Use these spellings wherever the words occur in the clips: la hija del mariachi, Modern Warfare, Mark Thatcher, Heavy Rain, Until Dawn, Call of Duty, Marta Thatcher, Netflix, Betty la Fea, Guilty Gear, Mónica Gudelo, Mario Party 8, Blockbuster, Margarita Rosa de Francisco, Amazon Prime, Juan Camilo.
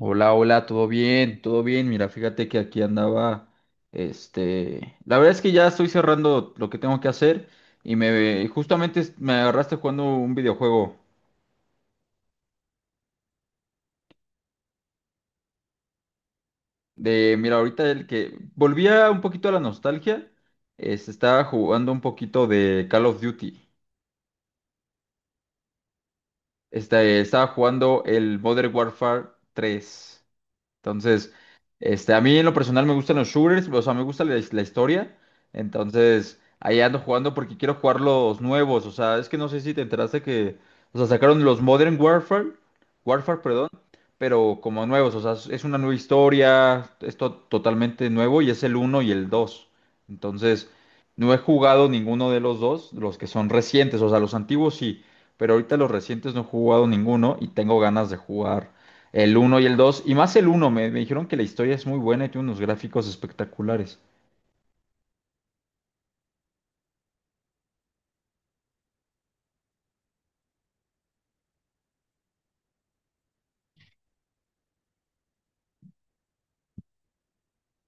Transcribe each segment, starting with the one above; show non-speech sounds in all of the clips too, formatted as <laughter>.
Hola, hola, todo bien, todo bien. Mira, fíjate que aquí andaba, la verdad es que ya estoy cerrando lo que tengo que hacer y me agarraste jugando un videojuego de, mira, ahorita el que volvía un poquito a la nostalgia, estaba jugando un poquito de Call of Duty. Estaba jugando el Modern Warfare tres. Entonces, a mí en lo personal me gustan los shooters, o sea, me gusta la historia. Entonces, ahí ando jugando porque quiero jugar los nuevos. O sea, es que no sé si te enteraste que, o sea, sacaron los Modern Warfare, Warfare, perdón, pero como nuevos. O sea, es una nueva historia, es totalmente nuevo y es el uno y el 2. Entonces, no he jugado ninguno de los dos, los que son recientes, o sea, los antiguos sí, pero ahorita los recientes no he jugado ninguno y tengo ganas de jugar el uno y el 2 y más el uno me dijeron que la historia es muy buena y tiene unos gráficos espectaculares.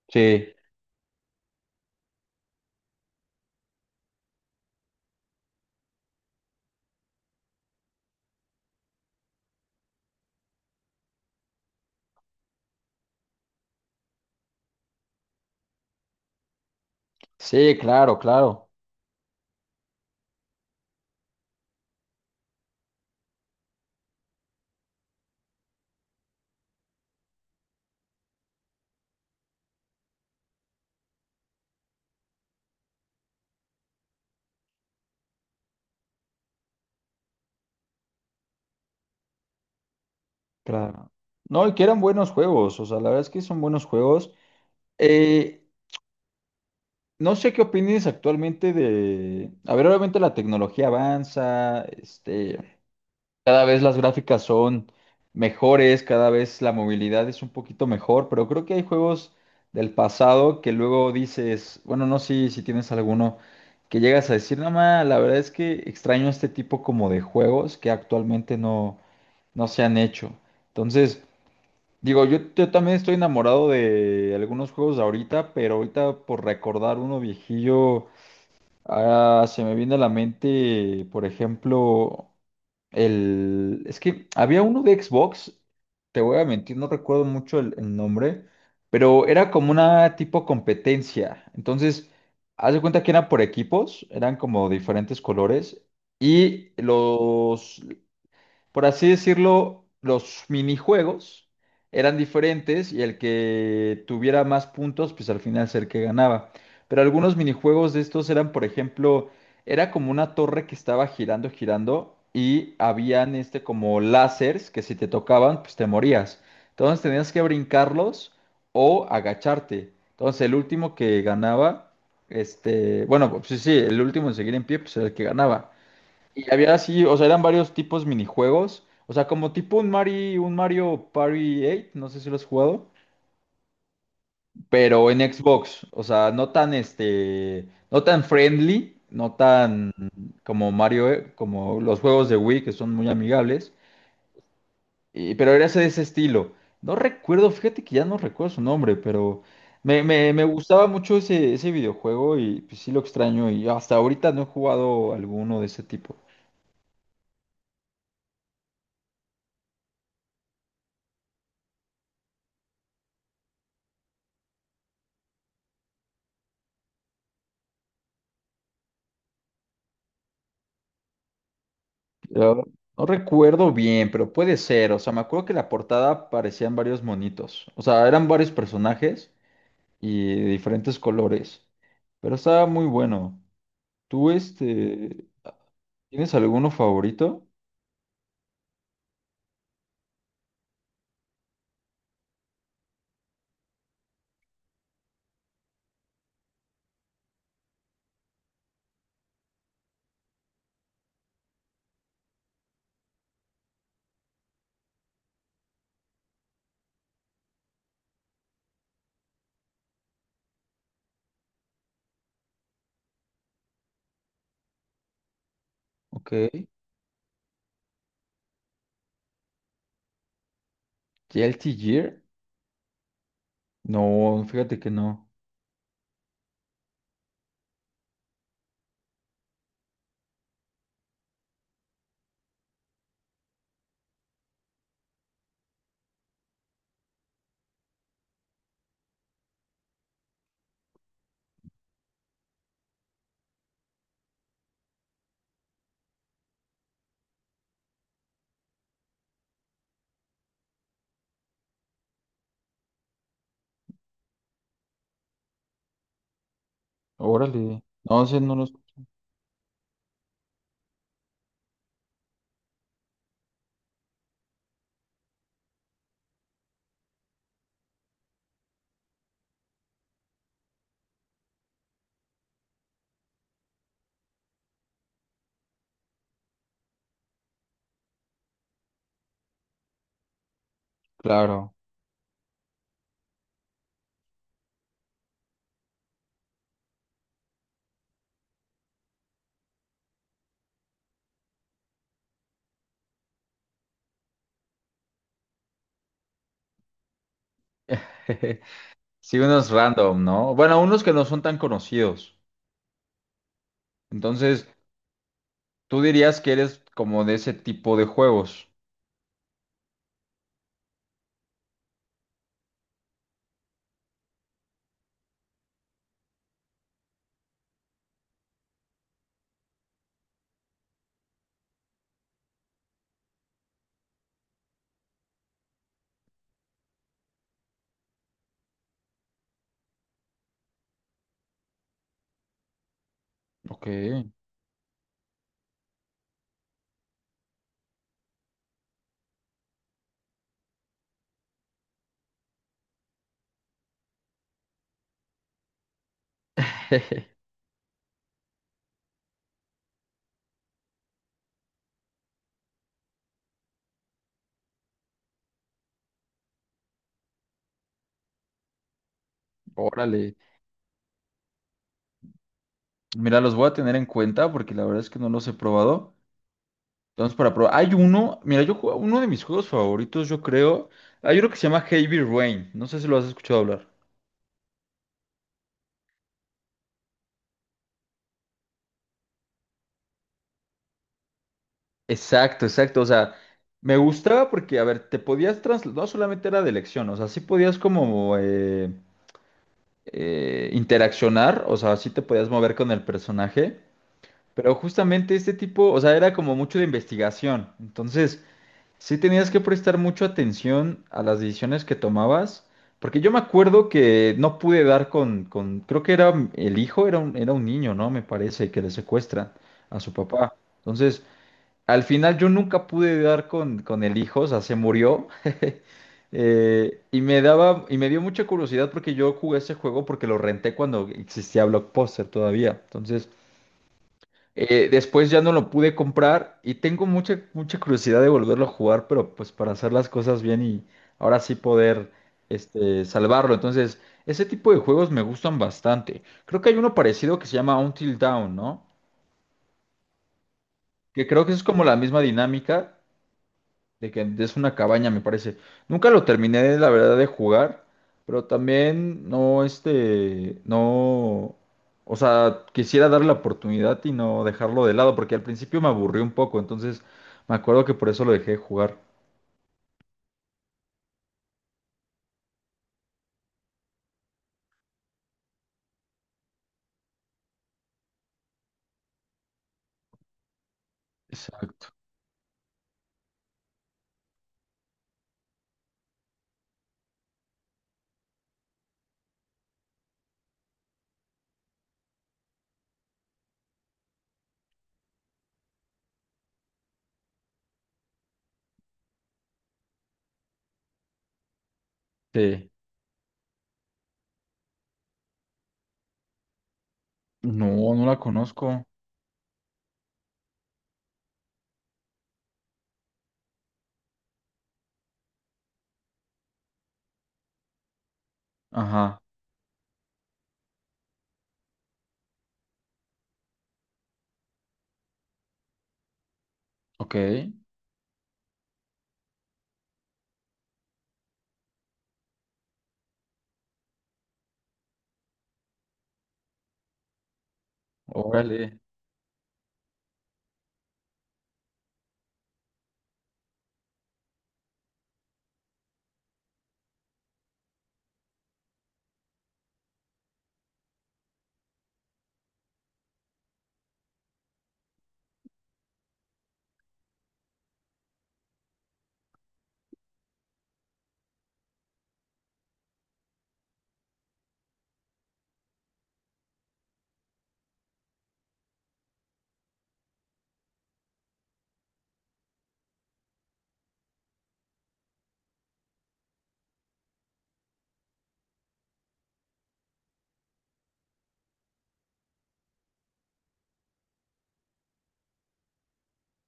Sí, sí, claro, claro, claro. No, y que eran buenos juegos, o sea, la verdad es que son buenos juegos. Eh, no sé qué opines actualmente de... A ver, obviamente la tecnología avanza, este... Cada vez las gráficas son mejores, cada vez la movilidad es un poquito mejor, pero creo que hay juegos del pasado que luego dices, bueno, no sé si tienes alguno que llegas a decir, nada la verdad es que extraño este tipo como de juegos que actualmente no, no se han hecho. Entonces, digo, yo también estoy enamorado de algunos juegos de ahorita, pero ahorita por recordar uno viejillo. Ahora se me viene a la mente, por ejemplo, el... Es que había uno de Xbox, te voy a mentir, no recuerdo mucho el nombre, pero era como una tipo competencia. Entonces, haz de cuenta que era por equipos, eran como diferentes colores, y los por así decirlo, los minijuegos eran diferentes y el que tuviera más puntos, pues al final ser que ganaba. Pero algunos minijuegos de estos eran, por ejemplo, era como una torre que estaba girando, girando y habían este como láseres que si te tocaban, pues te morías. Entonces tenías que brincarlos o agacharte. Entonces el último que ganaba, bueno, pues sí, sí, el último en seguir en pie, pues era el que ganaba. Y había así, o sea, eran varios tipos minijuegos. O sea, como tipo un Mario Party 8, no sé si lo has jugado, pero en Xbox. O sea, no tan este, no tan friendly, no tan como Mario, como los juegos de Wii que son muy amigables. Y, pero era ese de ese estilo. No recuerdo, fíjate que ya no recuerdo su nombre, pero me gustaba mucho ese videojuego y pues, sí lo extraño. Y hasta ahorita no he jugado alguno de ese tipo. Yo no recuerdo bien, pero puede ser. O sea, me acuerdo que la portada parecían varios monitos. O sea, eran varios personajes y de diferentes colores. Pero estaba muy bueno. ¿Tú, tienes alguno favorito? Ok. ¿Guilty Gear? No, fíjate que no. Órale. No sé, no los... Claro. <laughs> Sí, unos random, ¿no? Bueno, unos que no son tan conocidos. Entonces, tú dirías que eres como de ese tipo de juegos. Ok. <laughs> Órale, mira, los voy a tener en cuenta porque la verdad es que no los he probado. Entonces, para probar, hay uno, mira, uno de mis juegos favoritos, yo creo, hay uno que se llama Heavy Rain, no sé si lo has escuchado hablar. Exacto, exacto, o sea, me gustaba porque, a ver, te podías trasladar, no solamente era de elección, o sea, sí podías como interaccionar, o sea, sí te podías mover con el personaje, pero justamente este tipo, o sea, era como mucho de investigación, entonces... Sí tenías que prestar mucha atención a las decisiones que tomabas, porque yo me acuerdo que no pude dar con, creo que era el hijo, era un niño, ¿no? Me parece, que le secuestran a su papá. Entonces, al final yo nunca pude dar con el hijo, o sea, se murió. <laughs> Y me dio mucha curiosidad porque yo jugué ese juego porque lo renté cuando existía Blockbuster todavía. Entonces, después ya no lo pude comprar y tengo mucha curiosidad de volverlo a jugar, pero pues para hacer las cosas bien y ahora sí poder salvarlo. Entonces, ese tipo de juegos me gustan bastante. Creo que hay uno parecido que se llama Until Dawn, ¿no? Que creo que es como la misma dinámica, de que es una cabaña, me parece. Nunca lo terminé, la verdad, de jugar, pero también no, no, o sea, quisiera darle la oportunidad y no dejarlo de lado, porque al principio me aburrió un poco, entonces me acuerdo que por eso lo dejé de jugar. Exacto. Sí, no, no la conozco. Ajá, ok, ok. órale,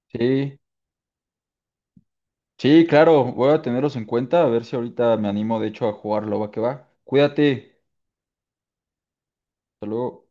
sí, sí, claro, voy a tenerlos en cuenta, a ver si ahorita me animo, de hecho, a jugarlo, va que va. Cuídate, hasta luego.